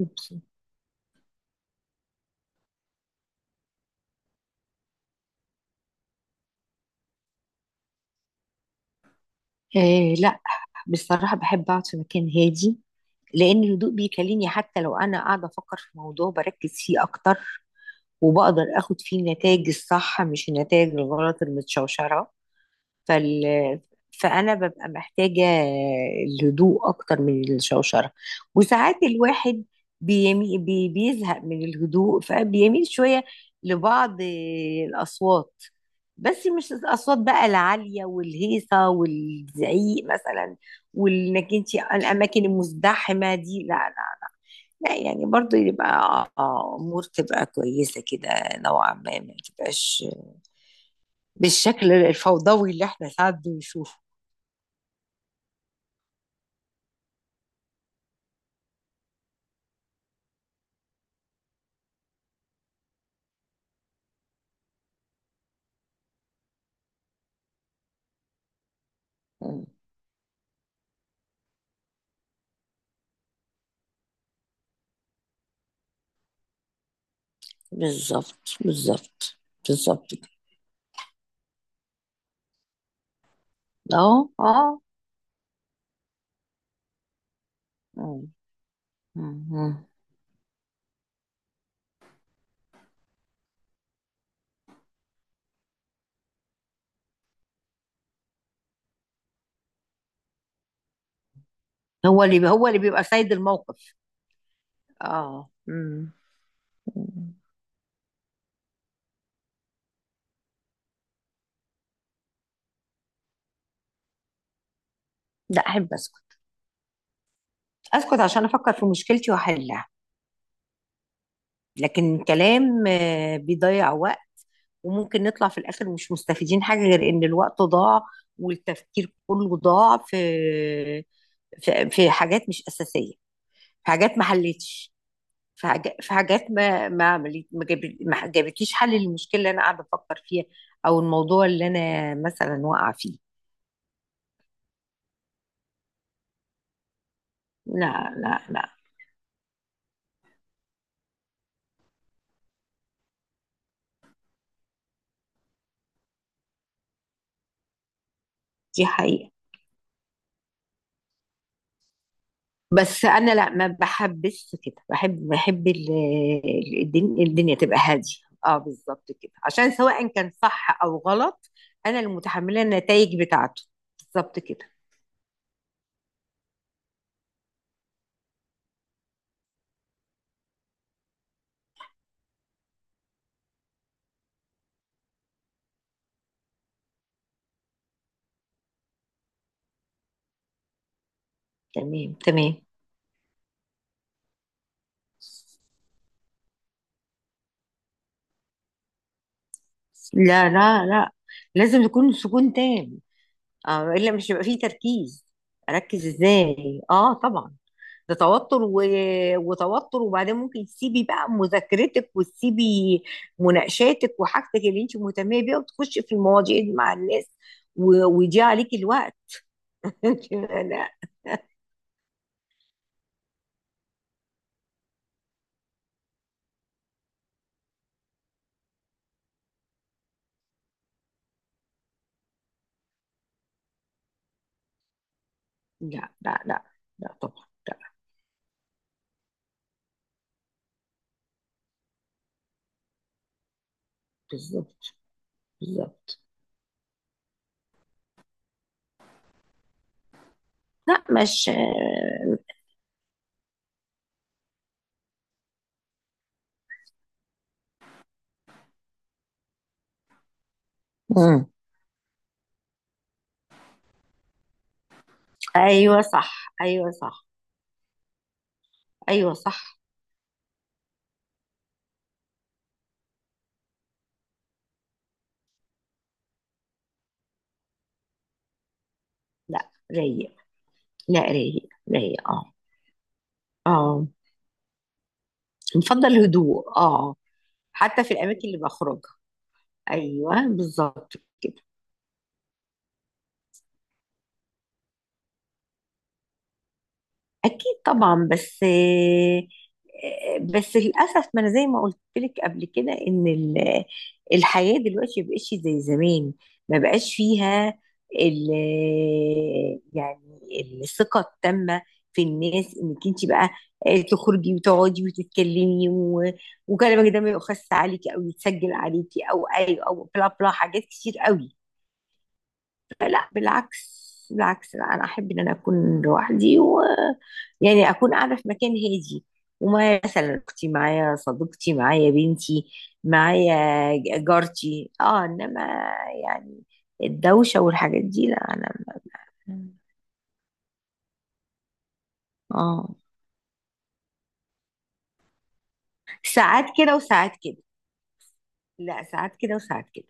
أوكي. آه، لا. بصراحة بحب أقعد في مكان هادي، لأن الهدوء بيكلمني. حتى لو أنا قاعدة أفكر في موضوع بركز فيه أكتر، وبقدر أخد فيه النتائج الصح، مش النتائج الغلط المتشوشرة. فال فانا ببقى محتاجه الهدوء اكتر من الشوشره. وساعات الواحد بيزهق من الهدوء، فبيميل شويه لبعض الاصوات. بس مش الاصوات بقى العاليه والهيصه والزعيق مثلا. وانك انت، الاماكن المزدحمه دي، لا لا. لا يعني، برضو يبقى امور تبقى كويسه كده، نوعا ما تبقاش بالشكل الفوضوي اللي احنا ساعات بنشوفه. مم. بالظبط، بالظبط، بالظبط كده. اهو، اه. مم. مم. هو اللي بيبقى سيد الموقف. اه، مم. مم. لا، احب اسكت. اسكت عشان افكر في مشكلتي واحلها. لكن الكلام بيضيع وقت، وممكن نطلع في الاخر مش مستفيدين حاجه غير ان الوقت ضاع، والتفكير كله ضاع في في حاجات مش اساسيه، في حاجات ما حلتش، في حاجات ما عملت، ما جابتليش حل للمشكله اللي انا قاعده افكر فيها، او الموضوع اللي انا مثلا واقعه فيه. لا لا لا. دي حقيقه. بس انا لا، ما بحبش كده. بحب الدنيا تبقى هاديه. اه، بالظبط كده، عشان سواء كان صح او غلط، انا اللي متحمله النتائج بتاعته. بالظبط كده. تمام، تمام. لا لا لا، لازم يكون سكون تام. اه، الا مش هيبقى فيه تركيز. اركز ازاي؟ اه، طبعا. ده توتر، وتوتر، وبعدين ممكن تسيبي بقى مذاكرتك، وتسيبي مناقشاتك وحاجتك اللي انت مهتمه بيها، وتخشي في المواضيع دي مع الناس، ويضيع عليكي الوقت. لا لا لا لا. لا طبعا، لا. بالظبط، بالظبط. لا، مش. مم. ايوه صح، ايوه صح، ايوه صح. لا، رايق. لا، رايق. رايق، اه. اه. نفضل هدوء، اه. حتى في الاماكن اللي بخرجها. ايوه بالظبط كده. اكيد طبعا، بس بس للاسف، ما انا زي ما قلت لك قبل كده ان الحياه دلوقتي ما بقتش زي زمان. ما بقاش فيها ال يعني الثقه التامه في الناس، انك انت بقى تخرجي وتقعدي وتتكلمي، و- وكلامك ده ما يؤخذش عليكي او يتسجل عليكي او اي او بلا بلا، حاجات كتير قوي. لا بالعكس. بالعكس، لا. انا احب ان انا اكون لوحدي، و يعني اكون قاعده في مكان هادي. ومعايا مثلا اختي، معايا صديقتي، معايا بنتي، معايا جارتي، اه. انما يعني الدوشه والحاجات دي، لا انا ما- اه. ساعات كده وساعات كده. لا، ساعات كده وساعات كده.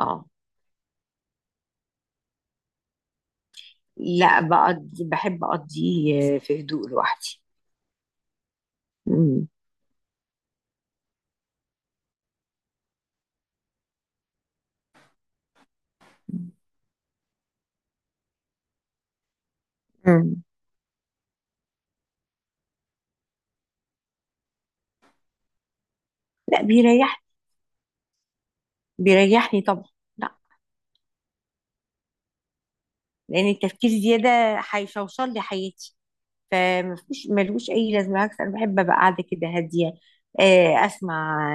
اه. لا، بحب اقضي في هدوء لوحدي. مم. مم. لا، بيريحني. بيريحني طبعا. لا، لان التفكير زياده هيشوشر لي حياتي، فمفيش، ملوش اي لازمه. بالعكس، انا بحب ابقى قاعده كده هاديه. اسمع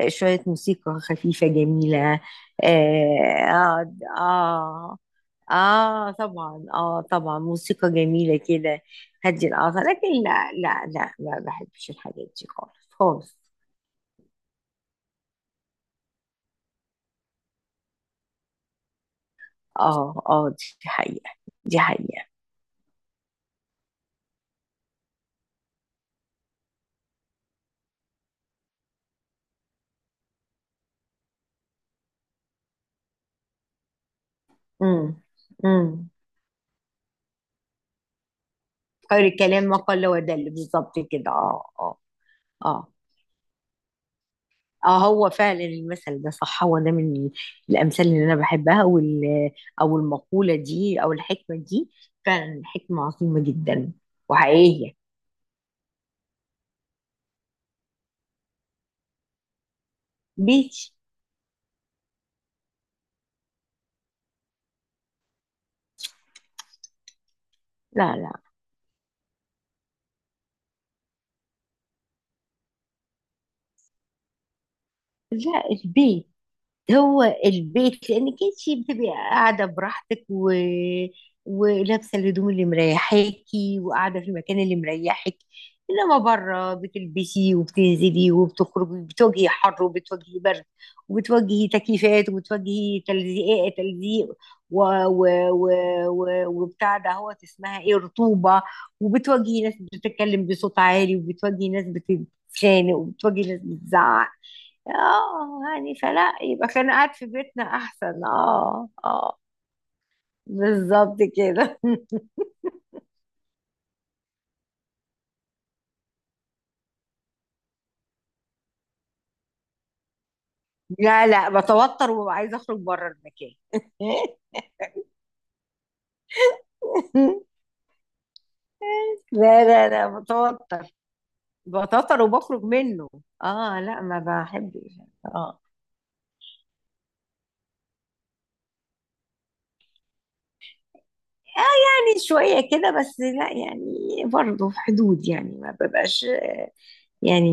شويه موسيقى خفيفه جميله. اقعد، اه. اه طبعا، اه طبعا، موسيقى جميله كده. هدي الاعصاب. لكن لا لا لا، ما بحبش الحاجات دي خالص خالص. اه، اه. دي حقيقه. دي حقيقه. امم، امم. خير الكلام ما قل ودل. بالظبط كده، اه اه. اه، اه، هو فعلا المثل ده صح. هو ده من الامثال اللي انا بحبها، او المقوله دي، او الحكمه دي. فعلا حكمه عظيمه جدا وحقيقيه. بيت. لا لا لا، البيت. هو البيت، لانك انت بتبقي قاعده براحتك، و... ولابسه الهدوم اللي مريحاكي، وقاعده في المكان اللي مريحك. انما بره، بتلبسي وبتنزلي وبتخرجي، بتواجهي حر وبتواجهي برد وبتواجهي تكييفات وبتواجهي تلزيق، تلزيق، و... و... و... و... وبتاع ده، هو اسمها ايه، رطوبه. وبتواجهي ناس بتتكلم بصوت عالي، وبتواجهي ناس بتتخانق، وبتواجهي ناس بتزعق. اه، يعني فلا، يبقى كان قاعد في بيتنا احسن، اه اه. بالظبط كده. لا لا، بتوتر وببقى عايزه اخرج بره المكان. لا لا لا، بتوتر. بتوتر وبخرج منه. اه، لا ما بحبش، اه. يعني شويه كده، بس لا يعني. برضه في حدود، يعني ما ببقاش يعني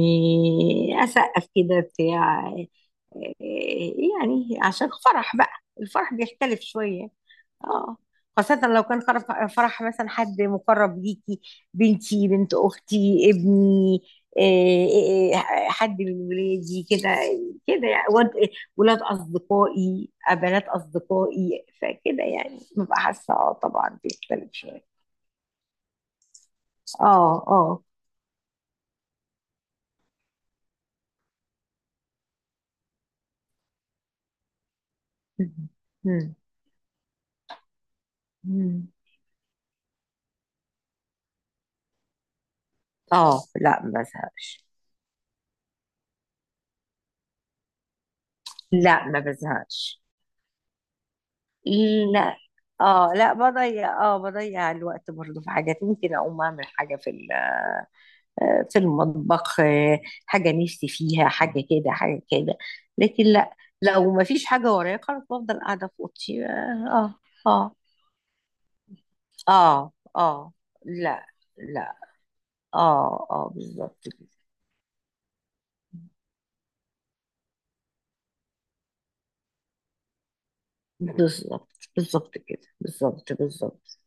اسقف كده بتاع. يعني عشان فرح بقى، الفرح بيختلف شوية، اه. خاصة لو كان فرح مثلا حد مقرب ليكي، بنتي، بنت أختي، ابني، إيه، إيه، إيه، حد من ولادي كده كده. يعني ولاد أصدقائي، بنات أصدقائي، فكده يعني ببقى حاسة، اه طبعا بيختلف شوية. اه، اه. مم. مم. مم. اه لا، ما بزهقش. لا، ما بزهقش. لا، اه، لا، بضيع الوقت برضه. في حاجات ممكن اقوم اعمل حاجه في المطبخ، حاجه نفسي فيها، حاجه كده، حاجه كده. لكن لا، لو ما فيش حاجه ورايا، خلاص بفضل قاعده في اوضتي، اه. اه اه اه. آه. لا. لا. اه اه، بالظبط كده. بالظبط، بالظبط كده، بالظبط، بالظبط.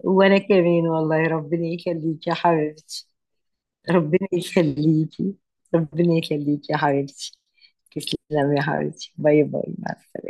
وانا كمان والله، ربنا يخليك يا حبيبتي. ربنا يخليكي. ربنا يخليكي يا حبيبتي. تسلمي يا حبيبتي، باي باي، مع السلامة.